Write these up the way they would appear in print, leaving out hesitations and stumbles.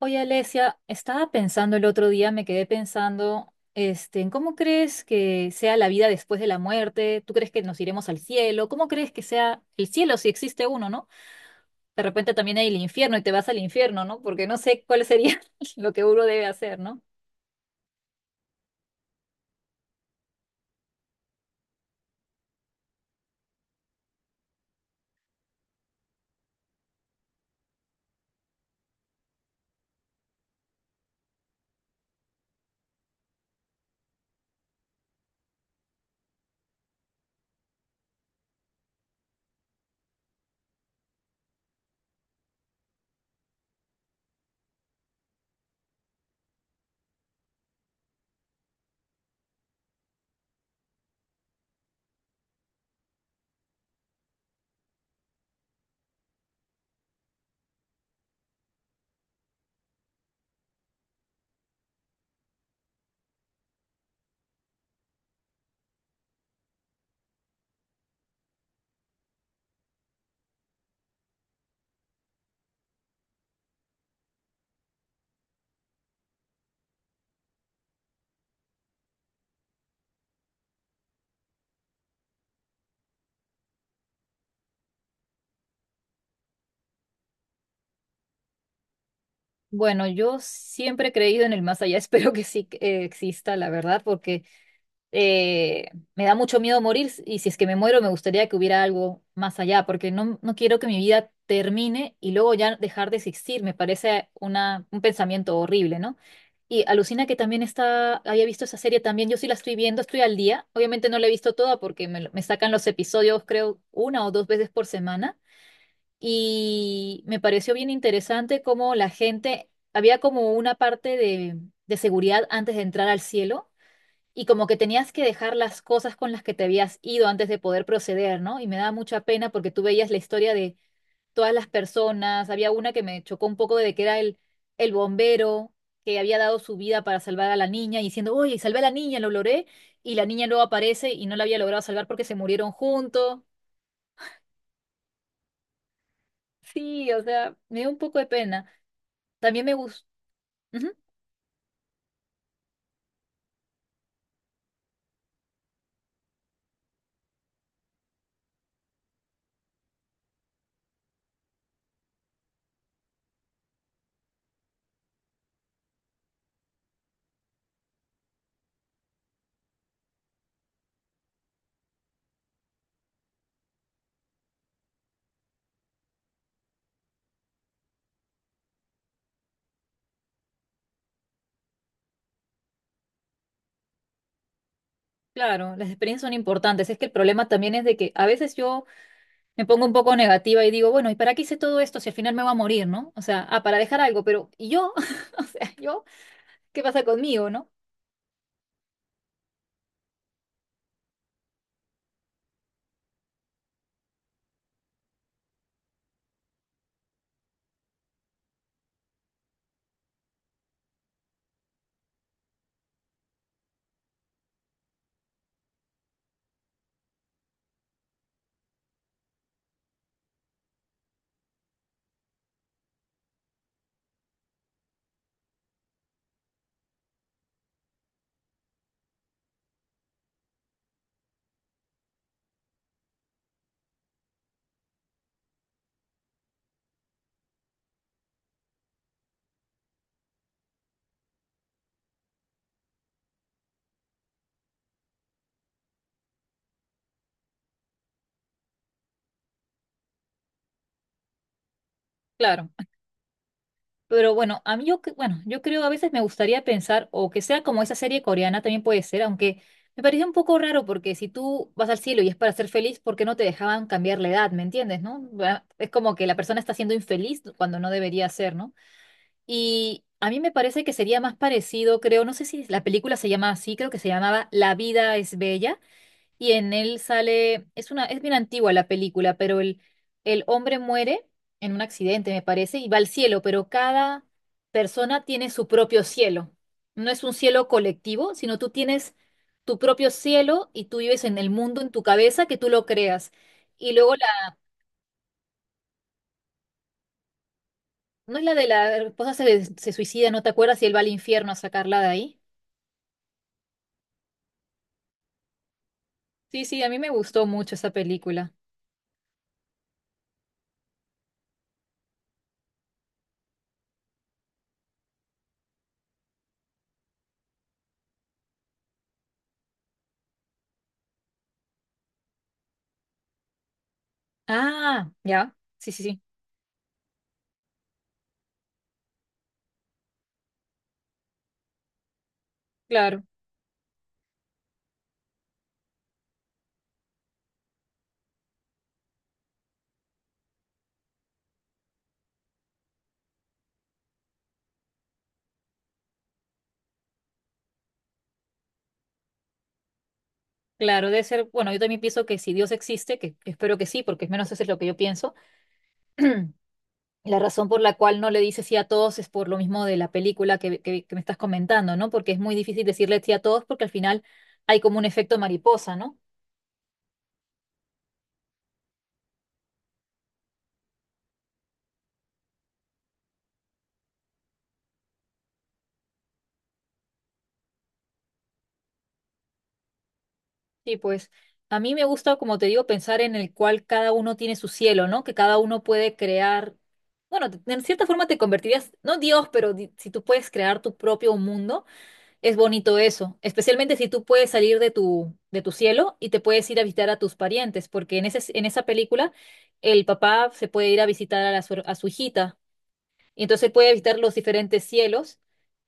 Oye, Alesia, estaba pensando el otro día, me quedé pensando, en cómo crees que sea la vida después de la muerte. ¿Tú crees que nos iremos al cielo? ¿Cómo crees que sea el cielo si existe uno, no? De repente también hay el infierno y te vas al infierno, ¿no? Porque no sé cuál sería lo que uno debe hacer, ¿no? Bueno, yo siempre he creído en el más allá, espero que sí exista, la verdad, porque me da mucho miedo morir, y si es que me muero me gustaría que hubiera algo más allá, porque no quiero que mi vida termine y luego ya dejar de existir. Me parece un pensamiento horrible, ¿no? Y alucina que también está, había visto esa serie también. Yo sí la estoy viendo, estoy al día, obviamente no la he visto toda porque me sacan los episodios creo una o dos veces por semana, y me pareció bien interesante cómo la gente, había como una parte de seguridad antes de entrar al cielo, y como que tenías que dejar las cosas con las que te habías ido antes de poder proceder, ¿no? Y me daba mucha pena porque tú veías la historia de todas las personas. Había una que me chocó un poco, de que era el bombero que había dado su vida para salvar a la niña, y diciendo, oye, salvé a la niña, lo logré, y la niña luego aparece y no la había logrado salvar porque se murieron juntos. Sí, o sea, me dio un poco de pena. También me gustó, claro, las experiencias son importantes. Es que el problema también es de que a veces yo... me pongo un poco negativa y digo, bueno, ¿y para qué hice todo esto si al final me voy a morir, ¿no? O sea, ah, para dejar algo, pero ¿y yo? O sea, ¿yo? ¿Qué pasa conmigo, no? Claro. Pero bueno, a mí bueno, yo creo a veces me gustaría pensar, o que sea como esa serie coreana también, puede ser, aunque me pareció un poco raro, porque si tú vas al cielo y es para ser feliz, ¿por qué no te dejaban cambiar la edad, ¿me entiendes, no? Bueno, es como que la persona está siendo infeliz cuando no debería ser, ¿no? Y a mí me parece que sería más parecido, creo, no sé si la película se llama así, creo que se llamaba La vida es bella, y en él sale, es bien antigua la película, pero el hombre muere en un accidente, me parece, y va al cielo, pero cada persona tiene su propio cielo. No es un cielo colectivo, sino tú tienes tu propio cielo, y tú vives en el mundo, en tu cabeza, que tú lo creas. Y luego ¿no es la de la esposa se suicida, no te acuerdas? Y él va al infierno a sacarla de ahí. Sí, sí, a mí me gustó mucho esa película. Ah, ya, sí, sí, sí, claro. Claro, debe ser, bueno, yo también pienso que si Dios existe, que espero que sí, porque al menos eso es lo que yo pienso. La razón por la cual no le dice sí a todos es por lo mismo de la película que me estás comentando, ¿no? Porque es muy difícil decirle sí a todos, porque al final hay como un efecto mariposa, ¿no? Sí, pues a mí me gusta, como te digo, pensar en el cual cada uno tiene su cielo, ¿no? Que cada uno puede crear, bueno, de cierta forma te convertirías, no Dios, pero si tú puedes crear tu propio mundo. Es bonito eso, especialmente si tú puedes salir de de tu cielo y te puedes ir a visitar a tus parientes, porque en en esa película el papá se puede ir a visitar a, a su hijita, y entonces puede visitar los diferentes cielos,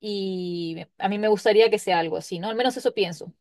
y a mí me gustaría que sea algo así, ¿no? Al menos eso pienso.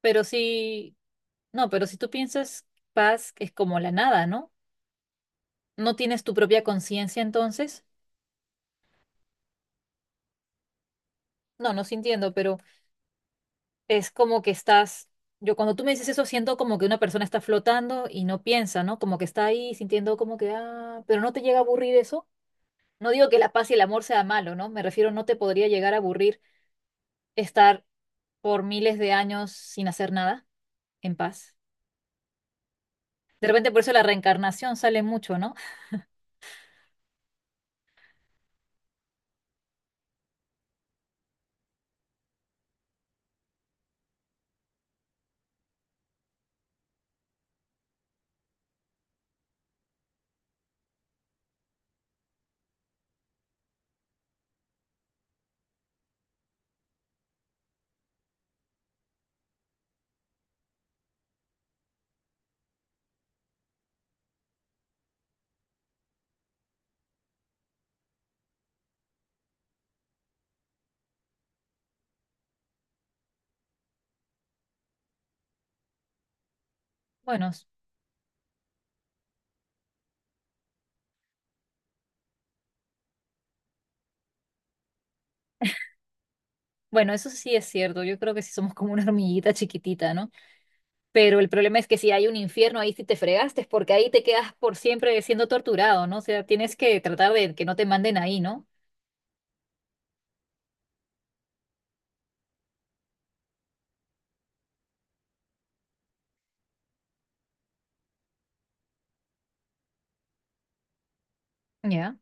Pero si, no, pero si tú piensas, paz es como la nada, ¿no? ¿No tienes tu propia conciencia entonces? No, no sintiendo pero... es como que estás, yo cuando tú me dices eso siento como que una persona está flotando y no piensa, ¿no? Como que está ahí sintiendo como que, ah, pero no te llega a aburrir eso. No digo que la paz y el amor sea malo, ¿no? Me refiero, no te podría llegar a aburrir estar por miles de años sin hacer nada, en paz. De repente por eso la reencarnación sale mucho, ¿no? Bueno, s- bueno, eso sí es cierto. Yo creo que sí somos como una hormiguita chiquitita, ¿no? Pero el problema es que si hay un infierno, ahí sí te fregaste, porque ahí te quedas por siempre siendo torturado, ¿no? O sea, tienes que tratar de que no te manden ahí, ¿no? Ya.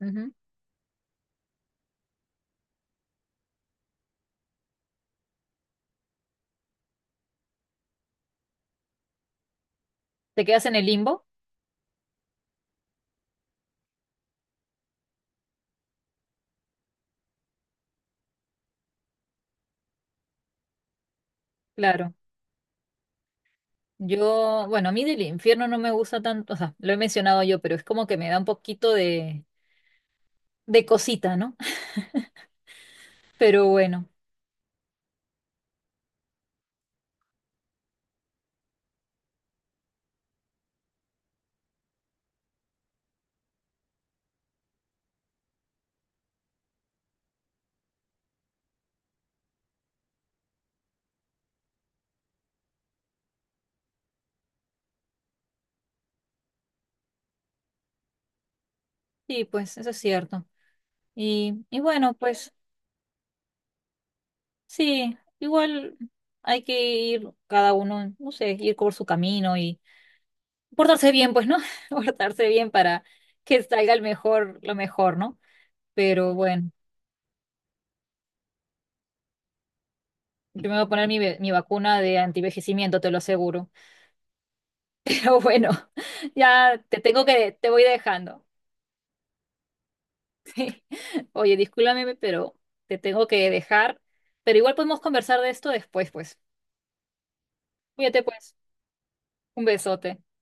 Ujú. ¿Te quedas en el limbo? Claro. Yo, bueno, a mí del infierno no me gusta tanto, o sea, lo he mencionado yo, pero es como que me da un poquito de cosita, ¿no? Pero bueno, sí, pues eso es cierto. Y bueno, pues sí, igual hay que ir cada uno, no sé, ir por su camino y portarse bien, pues, ¿no? Portarse bien para que salga el mejor, lo mejor, ¿no? Pero bueno, yo me voy a poner mi vacuna de antivejecimiento, te lo aseguro. Pero bueno, ya te tengo te voy dejando. Sí. Oye, discúlpame, pero te tengo que dejar. Pero igual podemos conversar de esto después, pues. Cuídate, pues. Un besote.